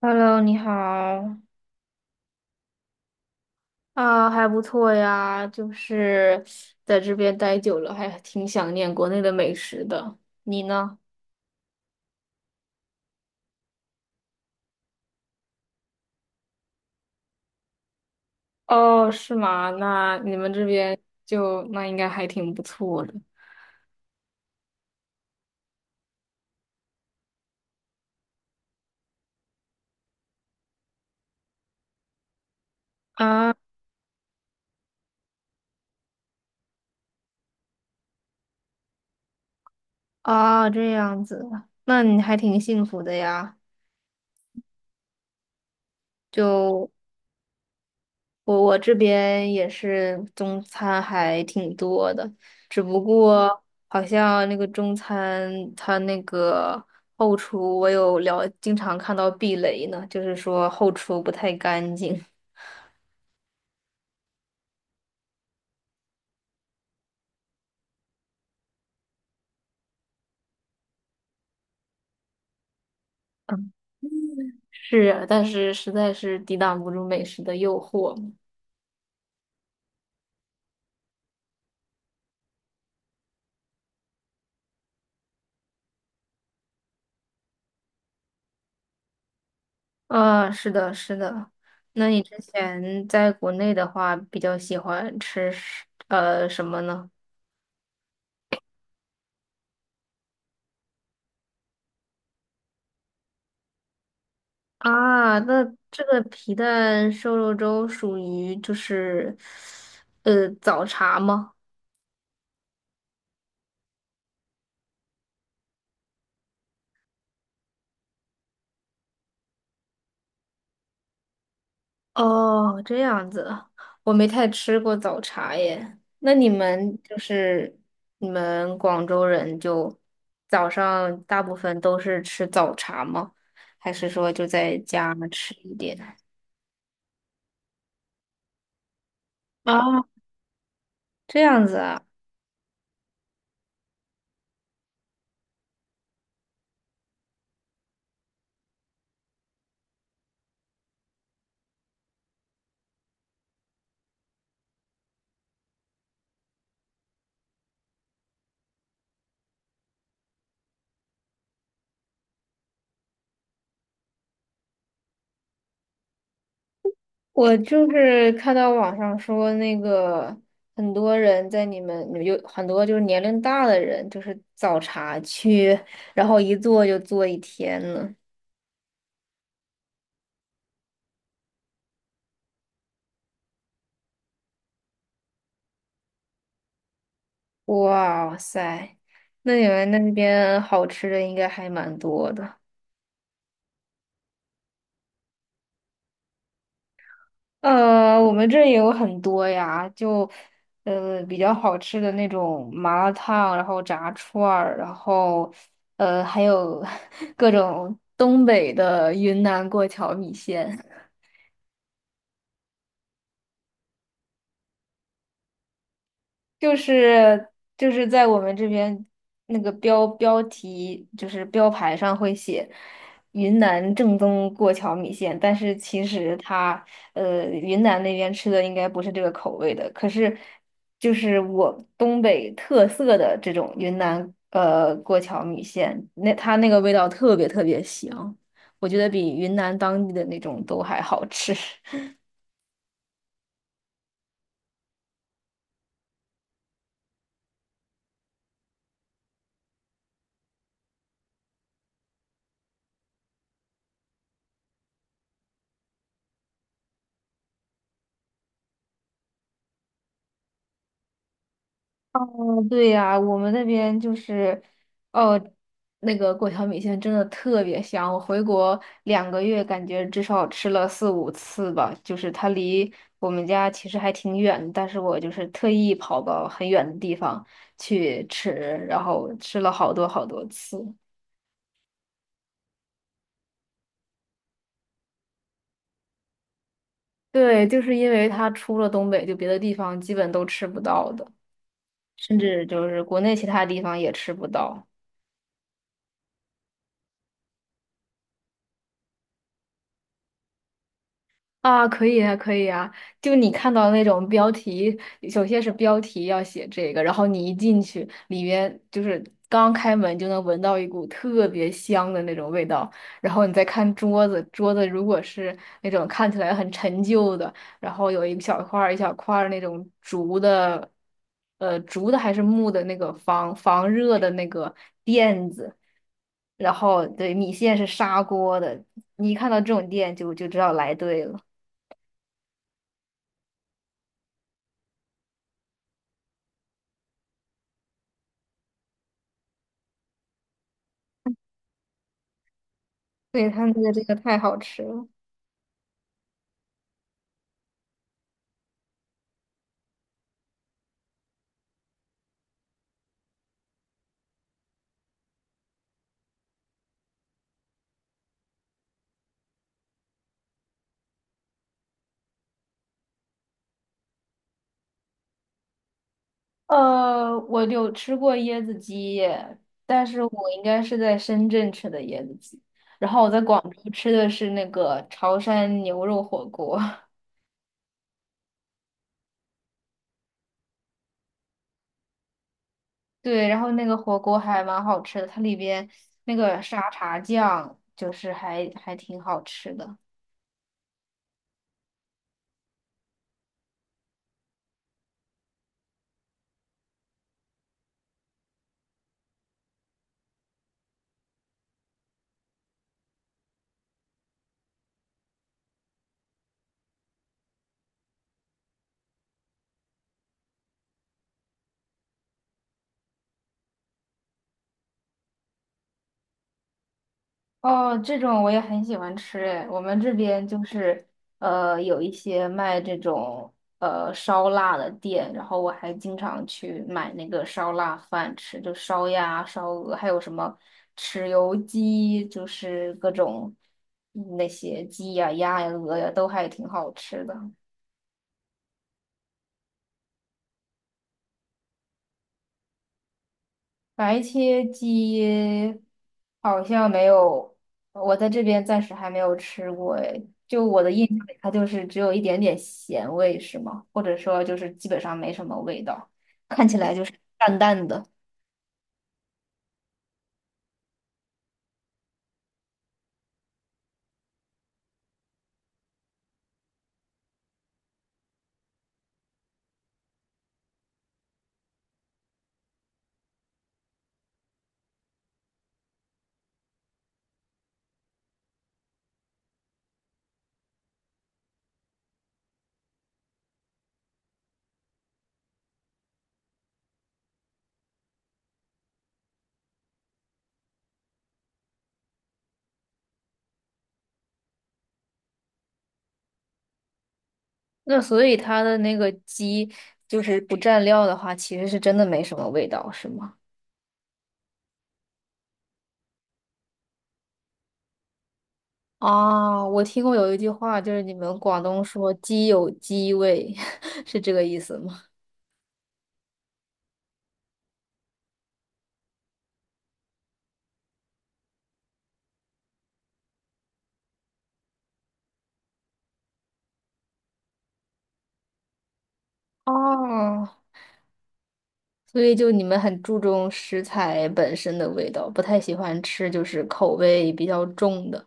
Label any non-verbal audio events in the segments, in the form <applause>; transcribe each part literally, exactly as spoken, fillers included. Hello，你好。啊，还不错呀，就是在这边待久了，还挺想念国内的美食的。你呢？哦，是吗？那你们这边就那应该还挺不错的。啊啊，这样子，那你还挺幸福的呀。就。我我这边也是中餐还挺多的，只不嗯过好像那个中餐它那个后厨，我有聊经常看到避雷呢，就是说后厨不太干净。嗯，<laughs> 是啊，但是实在是抵挡不住美食的诱惑嘛。啊，是的，是的。那你之前在国内的话，比较喜欢吃什呃什么呢？啊，那这个皮蛋瘦肉粥属于就是，呃，早茶吗？哦，这样子，我没太吃过早茶耶。那你们就是你们广州人就早上大部分都是吃早茶吗？还是说就在家吃一点？啊，这样子啊。我就是看到网上说，那个很多人在你们有很多就是年龄大的人，就是早茶去，然后一坐就坐一天呢。哇塞，那你们那边好吃的应该还蛮多的。呃，我们这也有很多呀，就呃比较好吃的那种麻辣烫，然后炸串儿，然后呃还有 <laughs> 各种东北的云南过桥米线。就是就是在我们这边那个标标题就是标牌上会写云南正宗过桥米线，但是其实它呃云南那边吃的应该不是这个口味的，可是就是我东北特色的这种云南呃过桥米线，那它那个味道特别特别香，我觉得比云南当地的那种都还好吃。嗯，对呀，我们那边就是，哦，那个过桥米线真的特别香。我回国两个月，感觉至少吃了四五次吧。就是它离我们家其实还挺远，但是我就是特意跑到很远的地方去吃，然后吃了好多好多次。对，就是因为它出了东北，就别的地方基本都吃不到的，甚至就是国内其他地方也吃不到。啊，可以啊，可以啊！就你看到那种标题，首先是标题要写这个，然后你一进去，里面就是刚开门就能闻到一股特别香的那种味道，然后你再看桌子，桌子如果是那种看起来很陈旧的，然后有一小块儿一小块儿那种竹的，呃，竹的还是木的那个防防热的那个垫子。然后对米线是砂锅的，你一看到这种店就就知道来对了。对，它那个这个太好吃了。呃，我有吃过椰子鸡，但是我应该是在深圳吃的椰子鸡，然后我在广州吃的是那个潮汕牛肉火锅。<laughs> 对，然后那个火锅还蛮好吃的，它里边那个沙茶酱就是还还挺好吃的。哦，这种我也很喜欢吃诶，我们这边就是呃有一些卖这种呃烧腊的店，然后我还经常去买那个烧腊饭吃，就烧鸭、烧鹅，还有什么豉油鸡，就是各种嗯那些鸡呀、鸭呀、鹅呀，都还挺好吃的。白切鸡好像没有，我在这边暂时还没有吃过诶。就我的印象里，它就是只有一点点咸味，是吗？或者说就是基本上没什么味道，看起来就是淡淡的。那所以它的那个鸡就是不蘸料的话，其实是真的没什么味道，是吗？啊，我听过有一句话，就是你们广东说"鸡有鸡味"，<laughs> 是这个意思吗？哦，所以就你们很注重食材本身的味道，不太喜欢吃就是口味比较重的。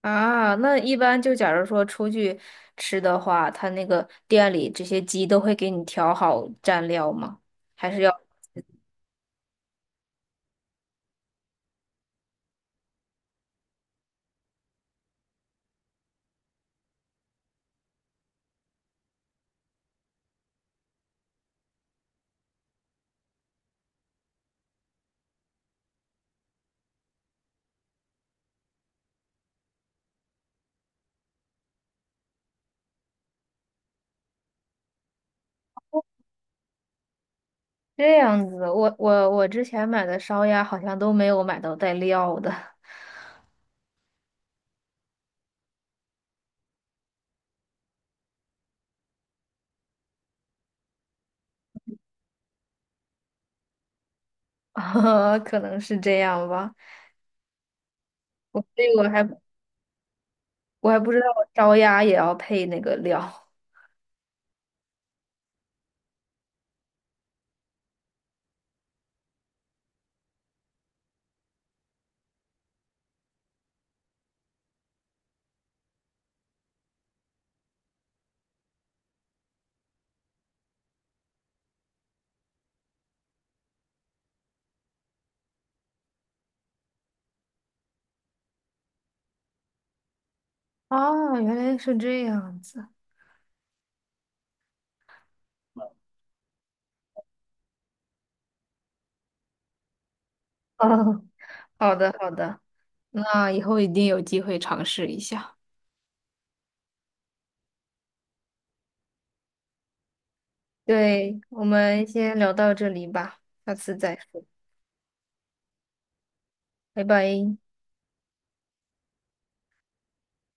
啊，那一般就假如说出去吃的话，他那个店里这些鸡都会给你调好蘸料吗？还是要这样子？我我我之前买的烧鸭好像都没有买到带料的，<laughs> 啊，可能是这样吧。我所以我还我还不知道烧鸭也要配那个料。啊，原来是这样子。<laughs> 哦，好的好的，那以后一定有机会尝试一下。对，我们先聊到这里吧，下次再说，拜拜。